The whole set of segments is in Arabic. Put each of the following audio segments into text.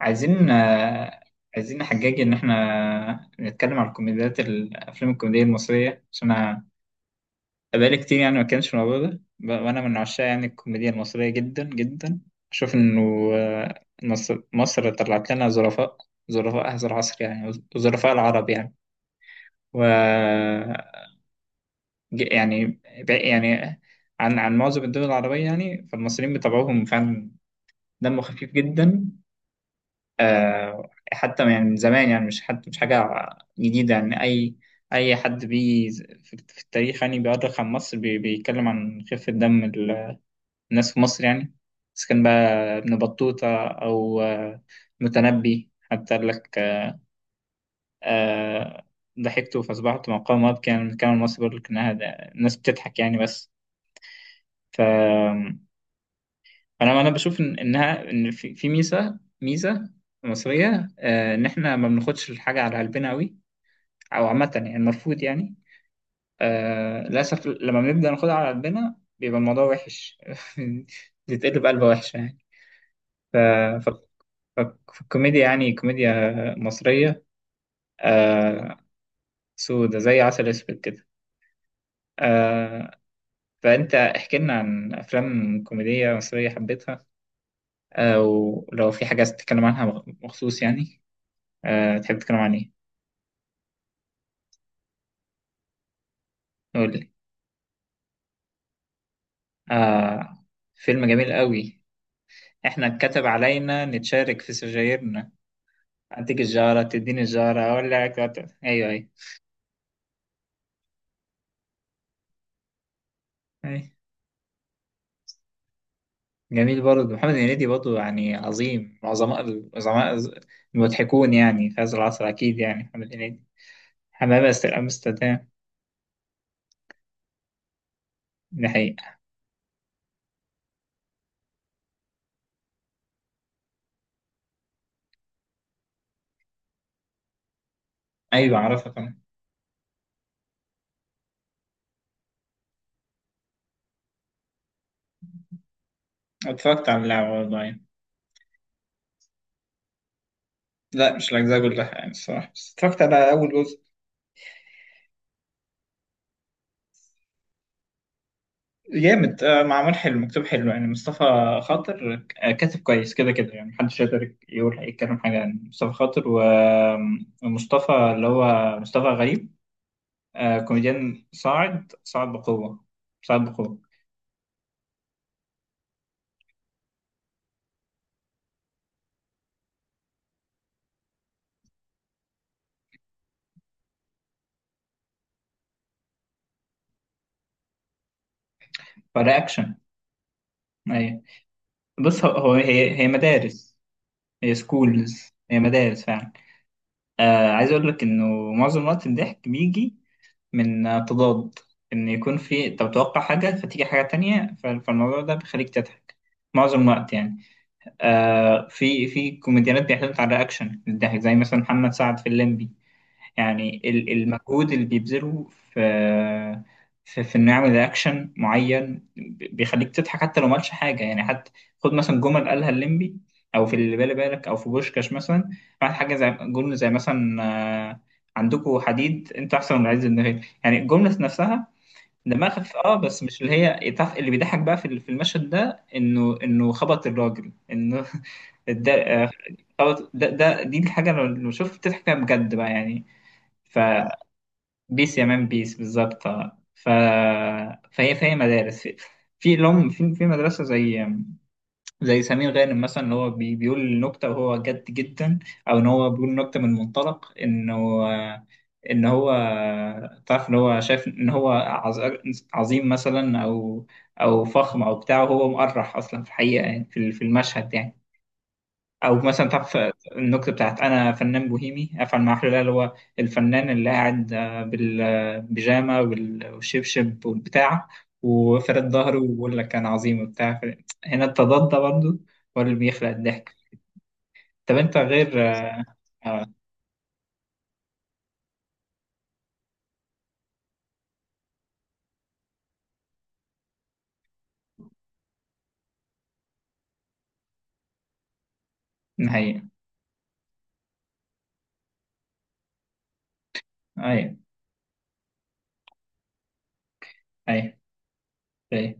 عايزين عايزين نحجج ان احنا نتكلم على الكوميديات الافلام الكوميديه المصريه عشان انا بقالي كتير يعني ما كانش الموضوع ده وانا من عشاق يعني الكوميديا المصريه جدا جدا اشوف انه مصر طلعت لنا ظرفاء، ظرفاء هذا العصر يعني، ظرفاء العرب يعني، و ج- يعني ب- يعني عن معظم الدول العربيه يعني، فالمصريين بطبعهم فعلا دمه خفيف جدا. حتى يعني من زمان يعني، مش حد مش حاجة جديدة يعني. أي أي حد في التاريخ يعني بيؤرخ عن مصر بيتكلم عن خفة دم الناس في مصر يعني، إذا كان بقى ابن بطوطة أو متنبي، حتى قال لك آه، ضحكت فأصبحت مقام أبكي. يعني من كلام المصري بيقول لك إنها الناس بتضحك يعني بس. ف أنا بشوف إن في ميزة، ميزة مصرية، إن إحنا ما بناخدش الحاجة على قلبنا أوي او عامه، يعني المرفوض يعني. آه للاسف لما بنبدا ناخدها على قلبنا بيبقى الموضوع وحش. بتتقلب قلبه وحشه يعني. ف... ف... ف... الكوميديا يعني كوميديا مصريه. آه، سودة زي عسل اسود كده. آه، فانت احكي لنا عن افلام كوميديه مصريه حبيتها، آه، ولو في حاجه عايز تتكلم عنها مخصوص يعني، آه، تحب تتكلم عن ايه؟ قول لي. آه، فيلم جميل قوي. احنا اتكتب علينا نتشارك في سجايرنا، اديك الجارة تديني الجارة اولع ايوه ايوه. أيوة. جميل برضه، محمد هنيدي برضه يعني عظيم من عظماء العظماء المضحكون يعني في هذا العصر، اكيد يعني محمد هنيدي. حمام امستردام، ده حقيقة. ايوه اعرفها طبعا. اتفرجت على اللعبة والله يعني. لا مش الاجزاء كلها يعني الصراحة، بس اتفرجت على اول جزء. جامد، معمول حلو، مكتوب حلو يعني. مصطفى خاطر كاتب كويس كده كده يعني، محدش يقدر يقول يتكلم حاجة عن مصطفى خاطر ومصطفى اللي هو مصطفى غريب. آه، كوميديان صاعد، صاعد بقوة، صاعد بقوة. فده أكشن، أيوة. بص، هي مدارس، هي سكولز، هي مدارس فعلا. آه، عايز أقول لك إنه معظم الوقت الضحك بيجي من تضاد، إن يكون في أنت متوقع حاجة فتيجي حاجة تانية، فالموضوع ده بيخليك تضحك معظم الوقت يعني. آه، في في كوميديانات بيعتمد على الرياكشن الضحك، زي مثلا محمد سعد في الليمبي يعني. المجهود اللي بيبذله في في انه يعمل اكشن معين بيخليك تضحك حتى لو مالش حاجه يعني. حتى خد مثلا جمل قالها الليمبي او في اللي بالي بالك، او في بوشكاش مثلا، بعد حاجه زي جمله زي مثلا آه، عندكوا حديد انتوا احسن من عز، النهايه يعني الجمله نفسها دماء خفيف اه، بس مش اللي اللي بيضحك بقى في المشهد ده، انه انه خبط الراجل، انه ده خبط. ده دي الحاجه لو لو شفت تضحك فيها بجد بقى يعني. بيس يا مان بيس، بالظبط آه. فهي مدارس، في في لهم في في مدرسه زي، زي سمير غانم مثلا اللي هو بيقول نكته وهو جد جدا، او ان هو بيقول نكته من منطلق انه آه، ان هو تعرف ان هو شايف ان هو عظيم مثلا، او او فخم او بتاع، وهو مقرح اصلا في الحقيقه يعني في في المشهد يعني. او مثلا تعرف النكته بتاعت انا فنان بوهيمي افعل ما احلى، اللي هو الفنان اللي قاعد بالبيجامه والشبشب والبتاع وفرد ظهره ويقول لك انا عظيم وبتاع. هنا التضاد ده برضه هو اللي بيخلق الضحك. طب انت غير اه. آه، هي هي هي هي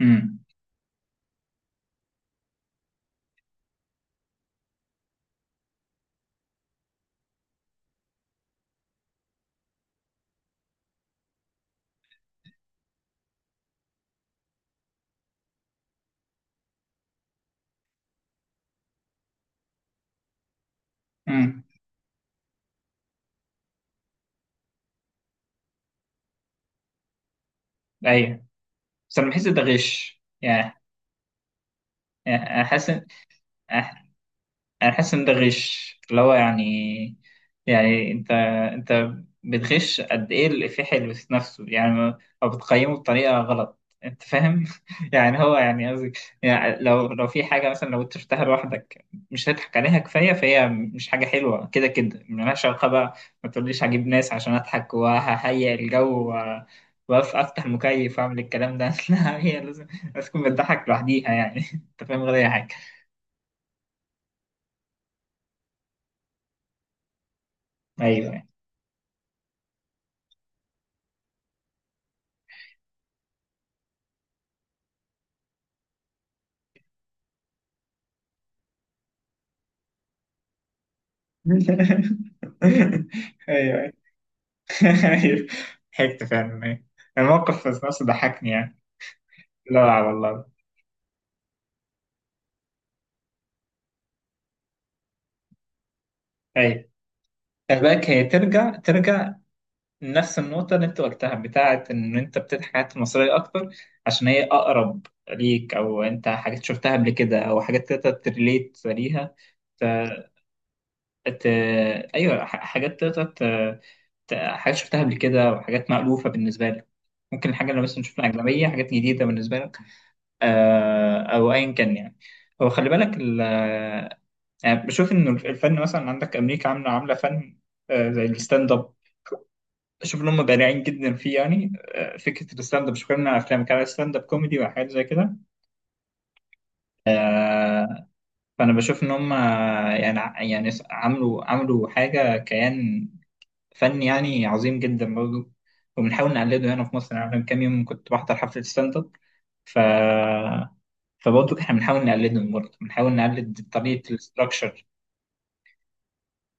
امم، امم، ايوه بس انا بحس ده غش يعني، يعني احس، انا حاسس ان ده غش، اللي هو يعني، يعني انت بتغش قد ايه الافيه اللي في نفسه يعني او بتقيمه بطريقه غلط، انت فاهم يعني، هو يعني قصدي يعني، لو لو في حاجه مثلا لو انت شفتها لوحدك مش هتضحك عليها كفايه، فهي مش حاجه حلوه كده كده ملهاش علاقه بقى. ما تقوليش هجيب ناس عشان اضحك وههيئ الجو وافتح المكيف واعمل الكلام ده لا هي لازم، لازم تكون بتضحك لوحديها يعني انت فاهم، غير اي حاجه. ايوه ايوه ايوه، ضحكت فعلا ايوه، الموقف في نفسه ضحكني يعني. لا والله. ايوه. فباك، هي ترجع، ترجع لنفس النقطة اللي انت قلتها بتاعة ان انت بتضحك حاجات مصرية اكتر عشان هي اقرب ليك، او انت حاجات شفتها قبل كده، او حاجات تقدر تريليت ليها. ت... ايوه، حاجات تقدر حاجات شفتها قبل كده وحاجات مألوفة بالنسبة لك، ممكن الحاجة اللي مثلا شفنا أجنبية حاجات جديدة بالنسبة لك، او ايا كان يعني. هو خلي بالك يعني بشوف ان الفن مثلا عندك امريكا عامله، عامله فن زي الستاند اب، شوف ان هم بارعين جدا فيه يعني. آه، فكره الستاند اب، مش بتكلم عن افلام، كان ستاند اب كوميدي وحاجات زي كده، آه، فانا بشوف ان هم يعني عملوا حاجه كيان فني يعني عظيم جدا برضه، وبنحاول نقلده هنا في مصر يعني. أنا من كام يوم كنت بحضر حفله ستاند اب. ف فبرضه احنا بنحاول نقلدهم، برضه بنحاول نقلد طريقة الاستراكشر.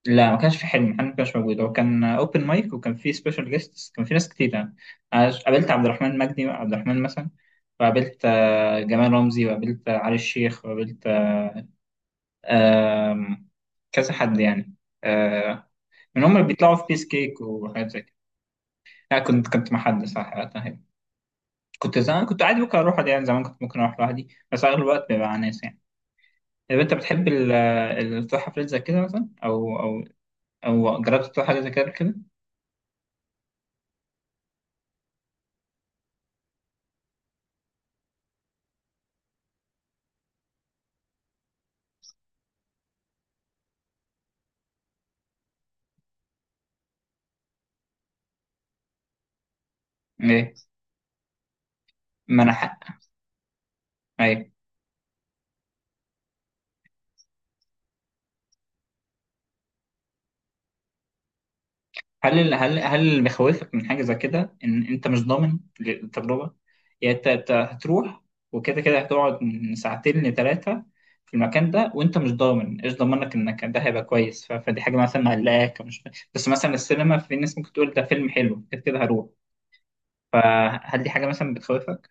لا ما كانش في حلم محمد، ما كانش موجود، هو كان اوبن مايك وكان في سبيشال جيستس، كان في ناس كتير يعني. أنا قابلت عبد الرحمن، مجدي عبد الرحمن مثلا، وقابلت جمال رمزي، وقابلت علي الشيخ، وقابلت آم، كذا حد يعني، آه، من هم اللي بيطلعوا في بيس كيك وحاجات زي كده. لا كنت، كنت مع حد صح وقتها يعني. كنت زمان كنت عادي ممكن اروح لوحدي يعني، زمان كنت ممكن اروح لوحدي، بس اغلب الوقت بيبقى مع ناس يعني. طب انت بتحب التفاحة فريد زي كده مثلا، او او او جربت تطلع حاجة زي كده قبل كده؟ ايه، منح، ايوه. هل هل اللي بيخوفك من حاجة زي كده ان انت مش ضامن التجربة؟ يعني انت هتروح وكده كده هتقعد من ساعتين لثلاثة في المكان ده، وانت مش ضامن، ايش ضمنك انك ده هيبقى كويس، فدي حاجة مثلا مقلقاك، مش بس مثلا السينما في ناس ممكن تقول ده فيلم حلو كده كده هروح. فهل دي حاجة مثلا بتخوفك؟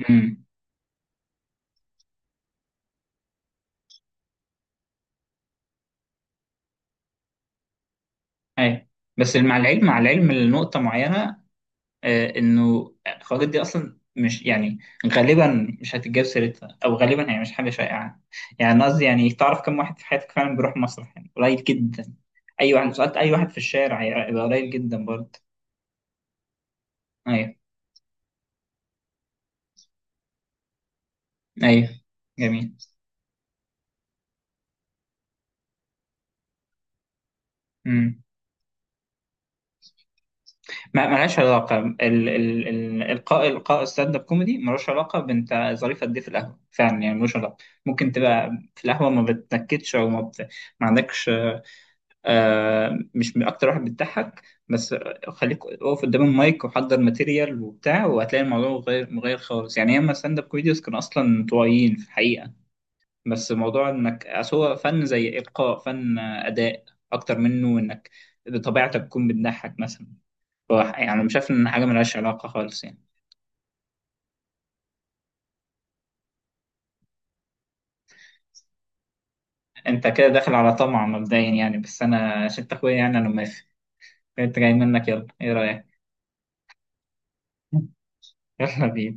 ايوه اي، بس مع العلم، مع العلم لنقطة معينة انه الخواجات دي اصلا مش يعني غالبا مش هتتجاب سيرتها، او غالبا هي مش حاجة شائعة يعني. أنا قصدي يعني، تعرف كم واحد في حياتك فعلا بيروح مسرح؟ يعني قليل جدا، اي واحد لو سألت اي واحد في الشارع هيبقى قليل جدا برضه. ايوه ايوه، جميل. امم، ما ملهاش علاقة ال ال ال القاء، القاء ستاند اب كوميدي ملوش علاقة بنت ظريفة قد ايه في القهوة فعلا يعني، ملوش علاقة. ممكن تبقى في القهوة ما بتنكدش، او ما عندكش مش من اكتر واحد بتضحك، بس خليك اقف قدام المايك وحضر ماتيريال وبتاع وهتلاقي الموضوع غير، مغير خالص يعني. ياما ستاند اب كوميديوز كانوا اصلا انطوائيين في الحقيقه، بس موضوع انك أصل هو فن زي القاء، فن اداء اكتر منه انك بطبيعتك تكون بتضحك مثلا. يعني أنا مش شايف ان حاجه ملهاش علاقه خالص يعني. انت كده داخل على طمع مبدئيا يعني، بس انا عشان أنت اخويا يعني انا موافق. انت جاي منك، يلا ايه رايك. يلا بينا.